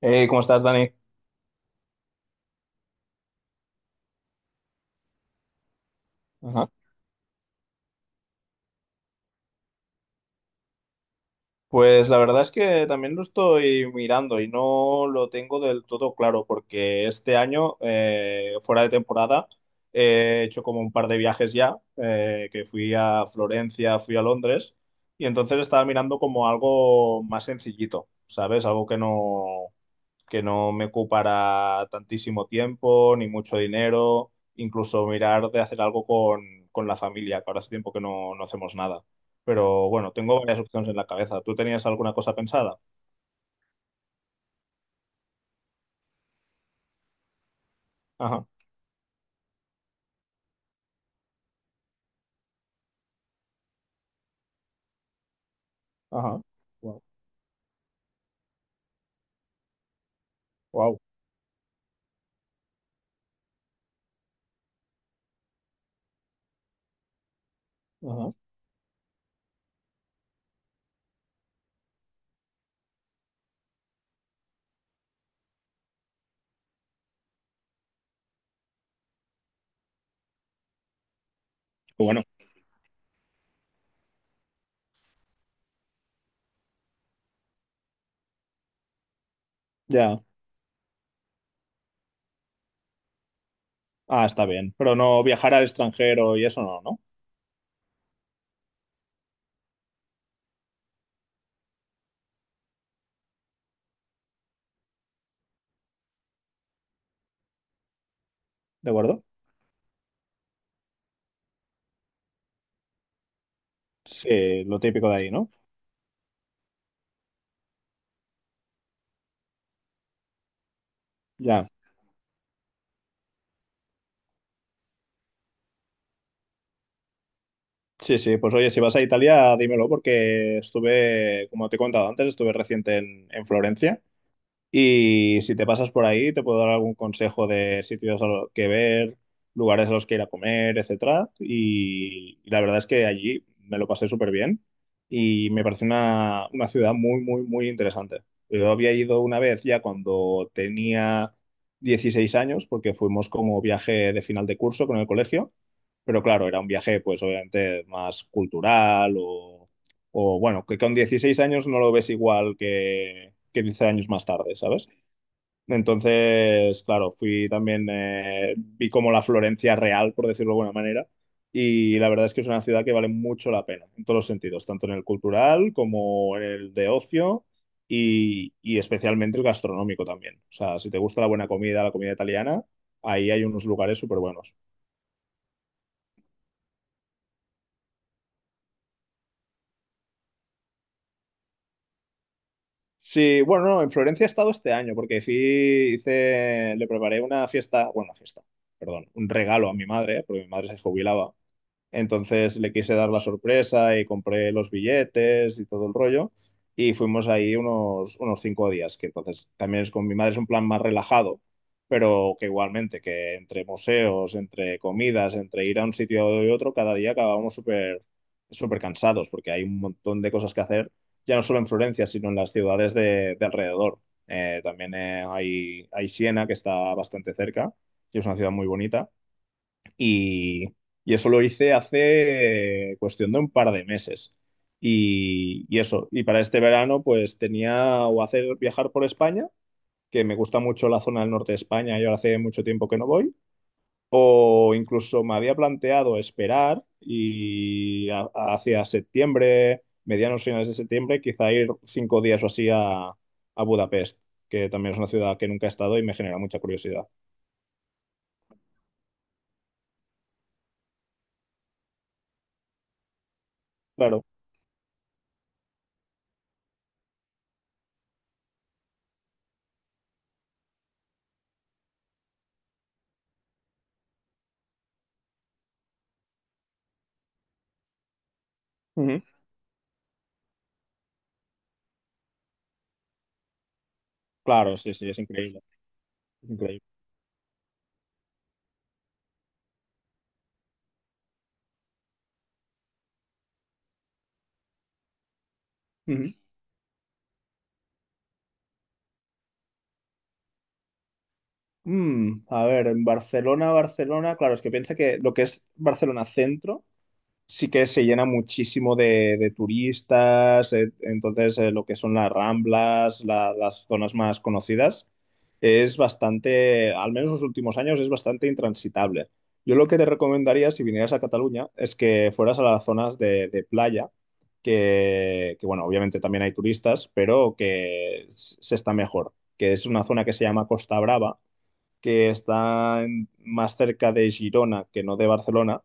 ¿Cómo estás, Dani? Ajá. Pues la verdad es que también lo estoy mirando y no lo tengo del todo claro porque este año, fuera de temporada, he hecho como un par de viajes ya, que fui a Florencia, fui a Londres y entonces estaba mirando como algo más sencillito, ¿sabes? Algo que no me ocupara tantísimo tiempo ni mucho dinero, incluso mirar de hacer algo con la familia, que ahora hace tiempo que no hacemos nada. Pero bueno, tengo varias opciones en la cabeza. ¿Tú tenías alguna cosa pensada? Ajá, ajá. Wow, wow. Ajá. Qué bueno, ya. Ah, está bien. Pero no viajar al extranjero y eso no, ¿no? ¿De acuerdo? Sí, lo típico de ahí, ¿no? Ya. Sí, sí, pues oye, si vas a Italia, dímelo, porque estuve, como te he contado antes, estuve reciente en Florencia. Y si te pasas por ahí, te puedo dar algún consejo de sitios a lo que ver, lugares a los que ir a comer, etcétera. Y la verdad es que allí me lo pasé súper bien y me parece una ciudad muy, muy, muy interesante. Yo había ido una vez ya cuando tenía 16 años, porque fuimos como viaje de final de curso con el colegio, pero claro, era un viaje pues obviamente más cultural o bueno, que con 16 años no lo ves igual que 10 años más tarde, ¿sabes? Entonces, claro, fui también, vi como la Florencia real, por decirlo de alguna manera, y la verdad es que es una ciudad que vale mucho la pena, en todos los sentidos, tanto en el cultural como en el de ocio y especialmente el gastronómico también. O sea, si te gusta la buena comida, la comida italiana, ahí hay unos lugares súper buenos. Sí, bueno, no, en Florencia he estado este año porque sí hice, le preparé una fiesta, bueno, una fiesta, perdón, un regalo a mi madre, porque mi madre se jubilaba, entonces le quise dar la sorpresa y compré los billetes y todo el rollo. Y fuimos ahí unos 5 días, que entonces también es con mi madre, es un plan más relajado, pero que igualmente, que entre museos, entre comidas, entre ir a un sitio y otro, cada día acabábamos súper súper cansados, porque hay un montón de cosas que hacer, ya no solo en Florencia, sino en las ciudades de alrededor. También hay Siena, que está bastante cerca, y es una ciudad muy bonita. Y, y eso lo hice hace cuestión de un par de meses. Y eso, y para este verano pues tenía o hacer viajar por España, que me gusta mucho la zona del norte de España y ahora hace mucho tiempo que no voy, o incluso me había planteado esperar y hacia septiembre, medianos finales de septiembre, quizá ir 5 días o así a Budapest, que también es una ciudad que nunca he estado y me genera mucha curiosidad. Claro. Ujú. Claro, sí, sí, es increíble, es increíble. Ujú. A ver, en Barcelona, Barcelona, claro, es que piensa que lo que es Barcelona centro sí que se llena muchísimo de turistas, entonces lo que son las Ramblas, las zonas más conocidas, es bastante, al menos los últimos años, es bastante intransitable. Yo lo que te recomendaría si vinieras a Cataluña es que fueras a las zonas de playa, que bueno, obviamente también hay turistas, pero que se está mejor, que es una zona que se llama Costa Brava, que está más cerca de Girona que no de Barcelona.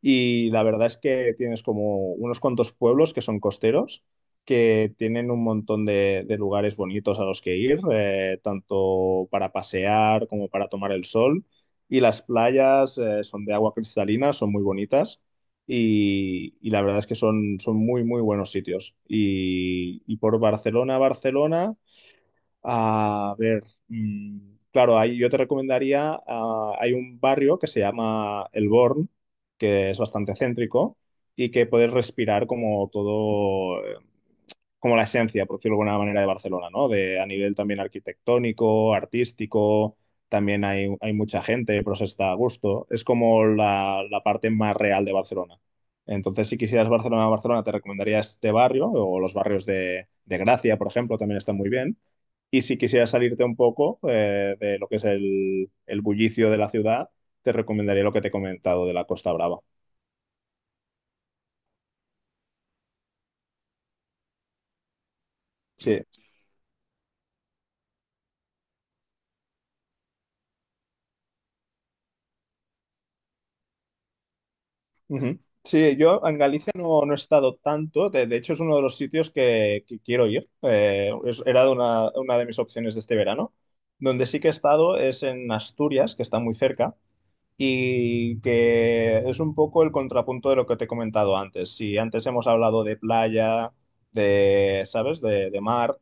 Y la verdad es que tienes como unos cuantos pueblos que son costeros, que tienen un montón de lugares bonitos a los que ir, tanto para pasear como para tomar el sol. Y las playas, son de agua cristalina, son muy bonitas. Y la verdad es que son, son muy, muy buenos sitios. Y por Barcelona, Barcelona. A ver, claro, ahí yo te recomendaría, ah, hay un barrio que se llama El Born, que es bastante céntrico y que puedes respirar como todo, como la esencia, por decirlo de alguna manera, de Barcelona, ¿no? De, a nivel también arquitectónico, artístico, también hay mucha gente, pero se está a gusto. Es como la parte más real de Barcelona. Entonces, si quisieras Barcelona, Barcelona, te recomendaría este barrio o los barrios de Gracia, por ejemplo, también están muy bien. Y si quisieras salirte un poco de lo que es el bullicio de la ciudad, te recomendaría lo que te he comentado de la Costa Brava. Sí. Ujú. Sí, yo en Galicia no he estado tanto, de hecho es uno de los sitios que quiero ir. Era una de mis opciones de este verano, donde sí que he estado es en Asturias, que está muy cerca, y que es un poco el contrapunto de lo que te he comentado antes. Si antes hemos hablado de playa, de, ¿sabes? De mar,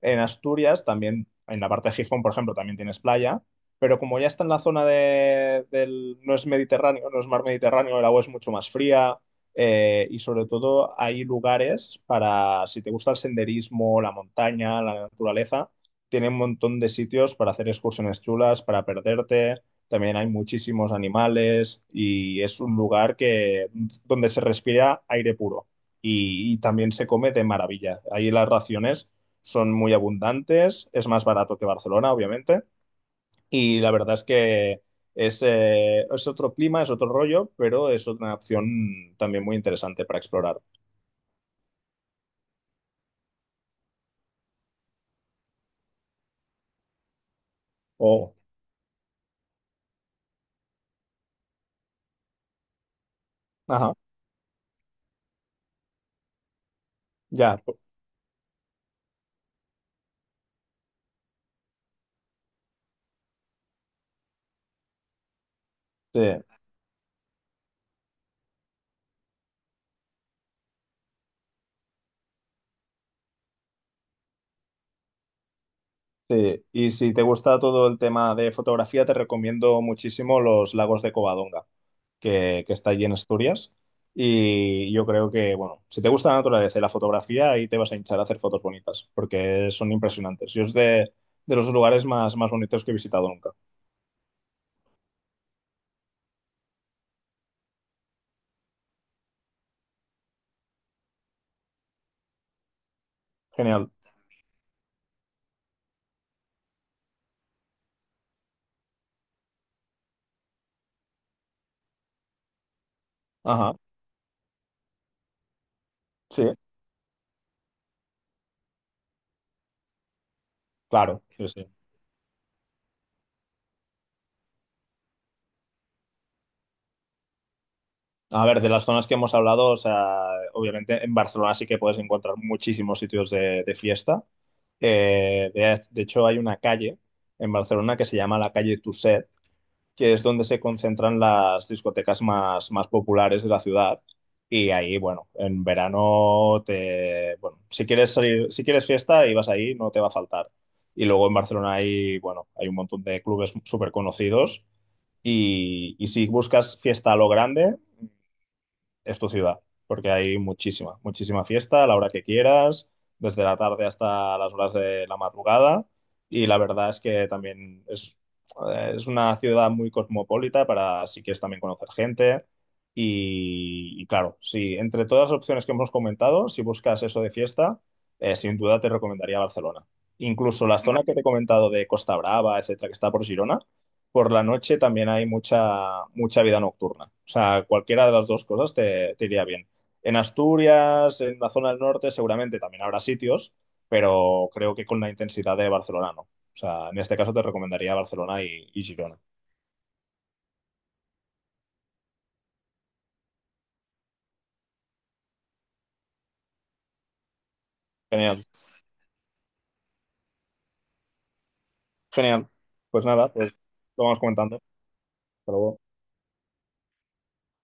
en Asturias también, en la parte de Gijón, por ejemplo, también tienes playa, pero como ya está en la zona del, no es Mediterráneo, no es mar Mediterráneo, el agua es mucho más fría. Y sobre todo hay lugares para, si te gusta el senderismo, la montaña, la naturaleza, tiene un montón de sitios para hacer excursiones chulas, para perderte. También hay muchísimos animales y es un lugar que, donde se respira aire puro y también se come de maravilla. Ahí las raciones son muy abundantes, es más barato que Barcelona, obviamente, y la verdad es que es otro clima, es otro rollo, pero es una opción también muy interesante para explorar. Oh, ajá, ya, sí. Sí, y si te gusta todo el tema de fotografía, te recomiendo muchísimo los lagos de Covadonga, que está allí en Asturias. Y yo creo que, bueno, si te gusta la naturaleza y la fotografía, ahí te vas a hinchar a hacer fotos bonitas, porque son impresionantes. Yo es de los lugares más, más bonitos que he visitado nunca. Genial. Ajá. Sí, claro. Sí, sí. A ver, de las zonas que hemos hablado, o sea, obviamente en Barcelona sí que puedes encontrar muchísimos sitios de fiesta. De hecho, hay una calle en Barcelona que se llama la calle Tuset, que es donde se concentran las discotecas más, más populares de la ciudad. Y ahí, bueno, en verano te, bueno, si quieres salir, si quieres fiesta y vas ahí, no te va a faltar. Y luego en Barcelona hay, bueno, hay un montón de clubes súper conocidos. Y si buscas fiesta a lo grande, es tu ciudad, porque hay muchísima, muchísima fiesta a la hora que quieras, desde la tarde hasta las horas de la madrugada. Y la verdad es que también es una ciudad muy cosmopolita para si quieres también conocer gente. Y claro, si entre todas las opciones que hemos comentado, si buscas eso de fiesta, sin duda te recomendaría Barcelona. Incluso la zona que te he comentado de Costa Brava, etcétera, que está por Girona, por la noche también hay mucha, mucha vida nocturna. O sea, cualquiera de las dos cosas te iría bien. En Asturias, en la zona del norte, seguramente también habrá sitios, pero creo que con la intensidad de Barcelona no. O sea, en este caso te recomendaría Barcelona y Girona. Genial, genial. Pues nada, pues lo vamos comentando. Hasta luego.